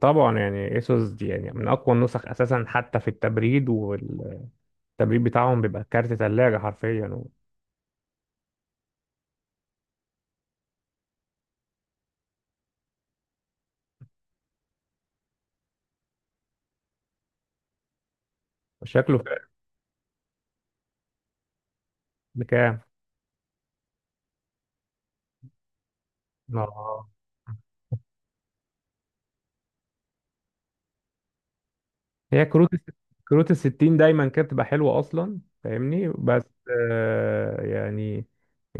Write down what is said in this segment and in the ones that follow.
طبعا ايسوس دي من اقوى النسخ اساسا حتى في التبريد بتاعهم بيبقى كارت ثلاجه حرفيا، وشكله فارق. بكام؟ اه، هي كروت الس- كروت الستين دايما كانت بتبقى حلوه اصلا، فاهمني؟ بس آه يعني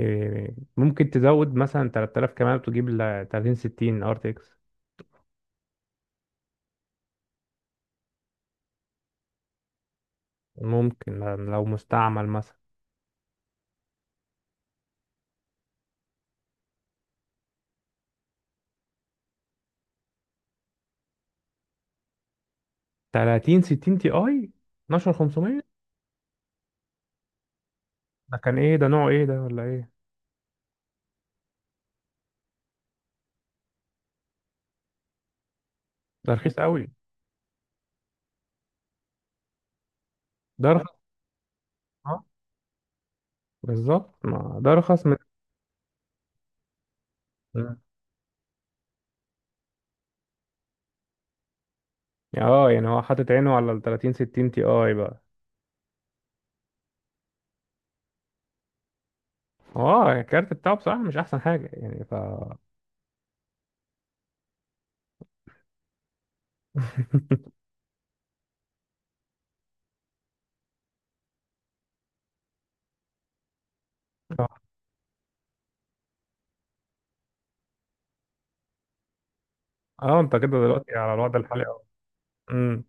ممكن تزود مثلا 3000 كمان وتجيب ل 30 60 ار تي اكس. ممكن لو مستعمل مثلا 30 60 تي اي 12500. ده كان ايه ده، نوع ايه ده ولا ايه؟ ده رخيص قوي، ده رخيص. آه. بالظبط، ما ده ارخص من. اه يعني هو حاطط عينه على ال 30 60 تي اي بقى. هو الكارت بتاعه بصراحة مش احسن حاجة يعني ف... اه، انت كده دلوقتي على الوضع الحالي، اه. امم،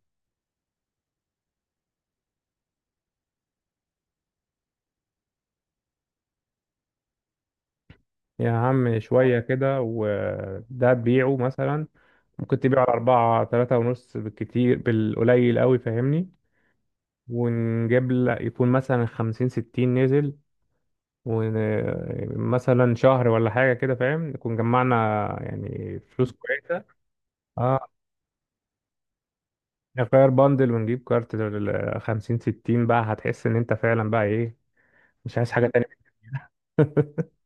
يا عم شوية كده وده تبيعه مثلا، ممكن تبيعه على أربعة تلاتة ونص بالكتير، بالقليل قوي فاهمني. ونجيب لك يكون مثلا خمسين ستين نزل، ومثلا شهر ولا حاجة كده فاهم، نكون جمعنا يعني فلوس كويسة. اه، نغير باندل ونجيب كارت لل 50 60 بقى، هتحس ان انت فعلا بقى ايه، مش عايز حاجة تانية.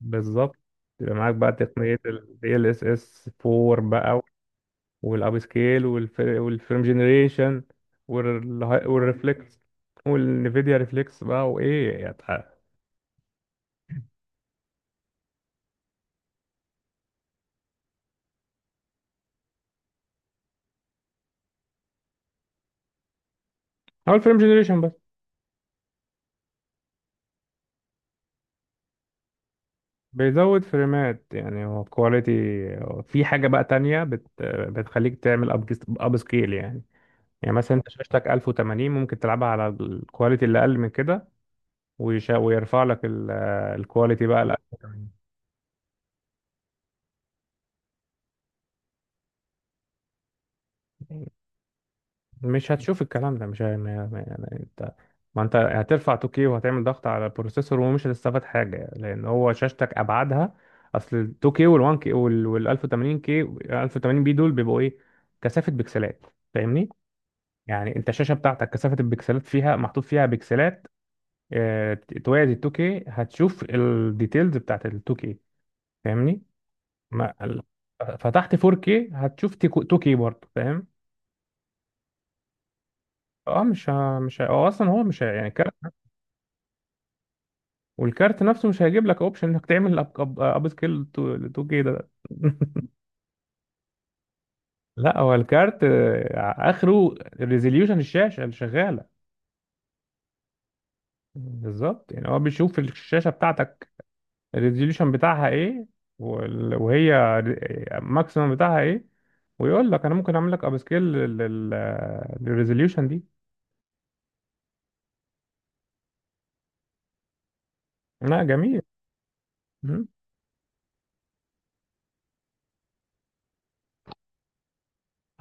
بالظبط، يبقى معاك بقى تقنية ال DLSS 4 بقى، والاب سكيل والفيلم جنريشن والريفلكس والنفيديا ريفلكس بقى، وايه يعني. هو الفيلم جنريشن بس بيزود فريمات، يعني هو كواليتي. في حاجة بقى تانية بتخليك تعمل اب سكيل يعني. يعني مثلا انت شاشتك 1080، ممكن تلعبها على الكواليتي اللي اقل من كده، ويرفع لك الكواليتي بقى ل 1080. مش هتشوف الكلام ده، مش ه- ما- ما- يعني انت، ما انت هترفع 2K وهتعمل ضغط على البروسيسور ومش هتستفاد حاجة، لان هو شاشتك ابعادها. اصل ال 2K وال 1K وال 1080K 1080 بي دول بيبقوا ايه، كثافة بكسلات، فاهمني. يعني انت الشاشة بتاعتك كثافة البكسلات فيها، محطوط فيها بكسلات. اه، توازي ال 2K هتشوف الديتيلز بتاعت ال 2K، فاهمني. ما ال- فتحت 4K هتشوف 2K برضه، فاهم؟ اه، مش ه... مش ه... هو اصلا هو مش ه... يعني كارت. والكارت نفسه مش هيجيب لك اوبشن انك تعمل أب سكيل 2K ده. لا، هو الكارت آه، اخره ريزوليوشن الشاشه اللي شغاله. بالظبط، يعني هو بيشوف الشاشه بتاعتك الريزوليوشن بتاعها ايه، وهي الماكسيمم بتاعها ايه، ويقول لك انا ممكن اعمل لك اب سكيل للريزوليوشن دي. لا جميل.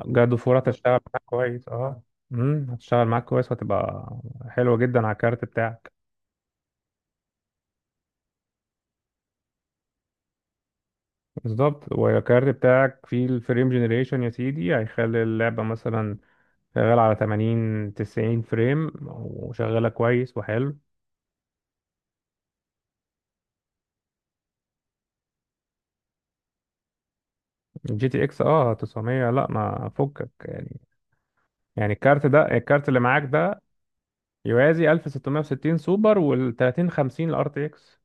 جاله فرصة، هتشتغل معاك كويس اه. امم، هتشتغل معاك كويس وهتبقى حلوة جدا على الكارت بتاعك. بالظبط، والكارت بتاعك فيه الفريم جنريشن يا سيدي، هيخلي اللعبة مثلا شغال على 80 90 فريم وشغالة كويس وحلو. جي تي اكس اه 900، لا ما فكك يعني. يعني الكارت ده، الكارت اللي معاك ده يوازي 1660 سوبر وال 30 50 الار تي اكس.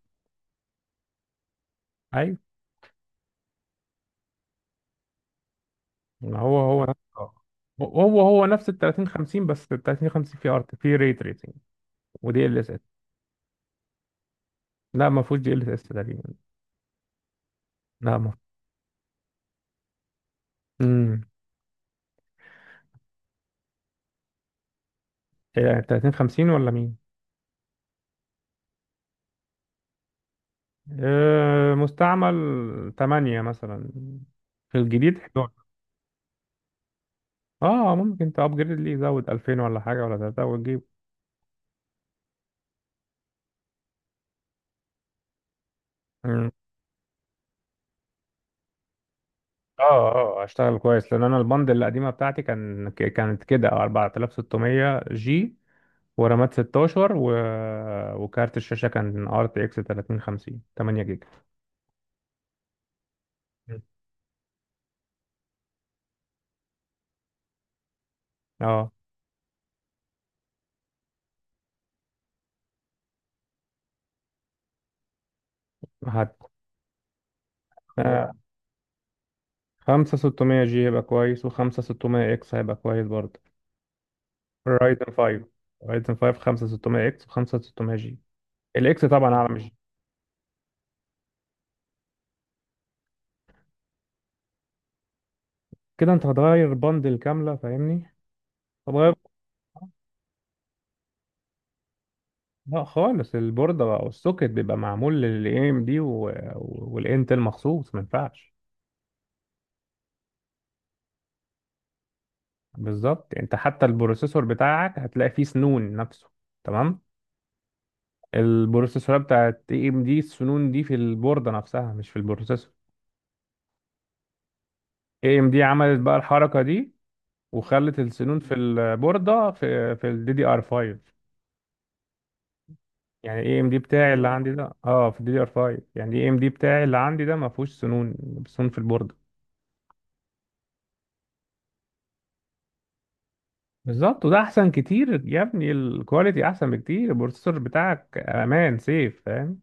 ما هو نفس آه. هو نفس ال 30 50، بس ال 30 50 في ارت في ري تريسنج ودي ال اس اس. لا ما فيهوش دي ال اس اس تقريبا. لا ما امم. إيه 30 50 ولا مين؟ آه مستعمل 8 مثلا، في الجديد 11. اه ممكن تابجريد ليه، يزود 2000 ولا حاجه ولا 3 وتجيب. مم. اه، اه اشتغل كويس، لان انا البند القديمه بتاعتي كانت كده 4600 جي، ورامات 16 و... وكارت الشاشة كان ار تي اكس 3050 8 جيجا. مم. اه هت آه، خمسة 600 جي هيبقى كويس وخمسة 600 اكس هيبقى كويس برضه. رايزن 5، رايزن 5 خمسة 600 اكس وخمسة 600 جي، الاكس طبعا اعلى من الجي. كده انت هتغير بندل كاملة فاهمني، هتغير. لا خالص، البوردة بقى والسوكت بيبقى معمول للاي ام دي، والانتل مخصوص ما ينفعش. بالظبط، انت حتى البروسيسور بتاعك هتلاقي فيه سنون نفسه، تمام. البروسيسورات بتاعت اي ام دي السنون دي في البوردة نفسها، مش في البروسيسور. اي ام دي عملت بقى الحركة دي، وخلت السنون في البوردة في الدي دي ار 5. يعني اي ام دي بتاعي اللي اه عندي ده، اه في الدي دي ار 5، يعني اي ام دي بتاعي اللي عندي ده ما فيهوش سنون، سنون في البوردة. بالظبط، وده احسن كتير يا ابني، الكواليتي احسن بكتير، البروسيسور بتاعك امان سيف، فاهم؟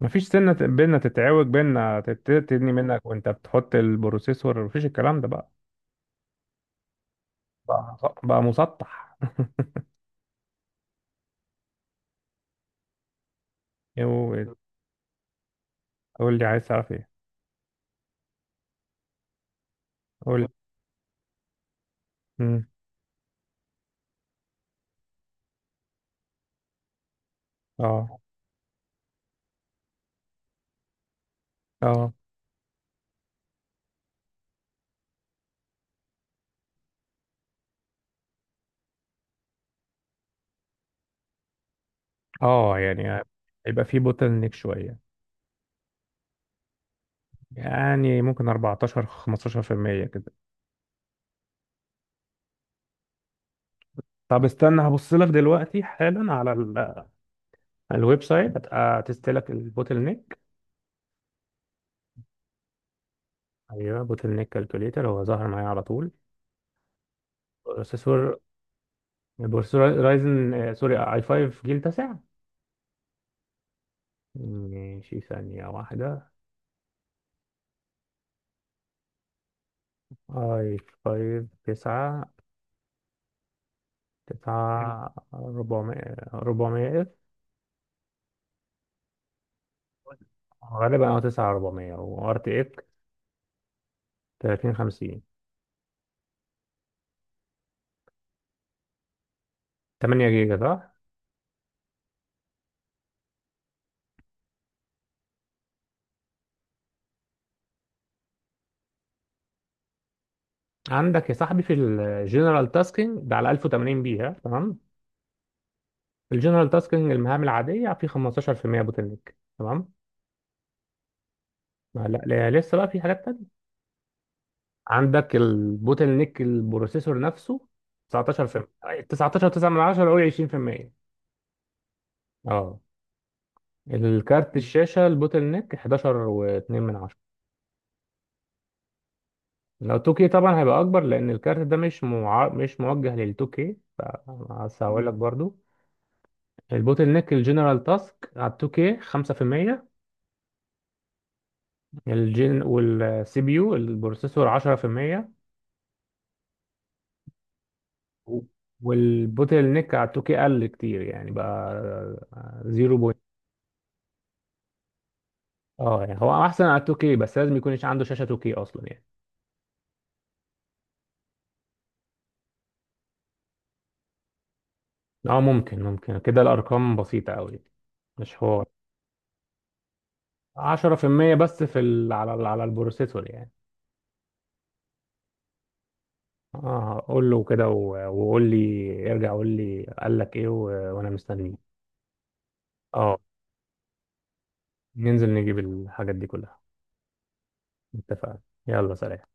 مفيش سنة بينا تتعوج بينا تدني منك وانت بتحط البروسيسور، مفيش الكلام ده بقى. بقى بقى مسطح. يو- قول لي عايز تعرف ايه، قول. امم، اه، اه. اه يعني، هيبقى في بوتل نيك شويه، يعني ممكن 14 15% كده. طب استنى هبص لك دلوقتي حالا على الويب سايت، هتبقى تستلك البوتل نيك. ايوه، بوتل نيك كالكوليتر هو ظهر معايا على طول. بروسيسور، رايزن آه، سوري اي 5 جيل تاسع. ماشي، ثانية واحدة. اي 5 9، تسعة ربعمية، ربعمية اف. غالبا أو تسعة ربعمية وار تي اك، تلاتين خمسين، تمانية جيجا صح؟ عندك يا صاحبي في الجنرال تاسكينج ده على ألف وتمانين بي ها، تمام؟ الجنرال تاسكينج المهام العادية في خمستاشر في المية بوتل نيك، تمام؟ لا لا، لسه بقى في حاجات تانية. عندك البوتل نيك البروسيسور نفسه 19 في 19، 9 من 10، قول 20%. اه، الكارت الشاشة البوتل نيك 11 و2 من 10. لو 2K طبعا هيبقى اكبر، لان الكارت ده مش موجه لل 2K. بس هقول لك مم، برضو البوتل نيك الجنرال تاسك على ال 2K 5%. الجن والسي بي يو البروسيسور 10%. والبوتل نيك على ال 2K قل كتير يعني بقى 0. اه يعني هو احسن على ال 2K، بس لازم يكون عنده شاشة 2K اصلا يعني. اه ممكن، كده الارقام بسيطة قوي، مش حوار. 10% بس في ال... على البروسيسور يعني. اه قول له كده وقول لي ارجع، قول لي قال لك ايه، وانا مستنيه. اه، ننزل نجيب الحاجات دي كلها. اتفقنا. يلا سلام.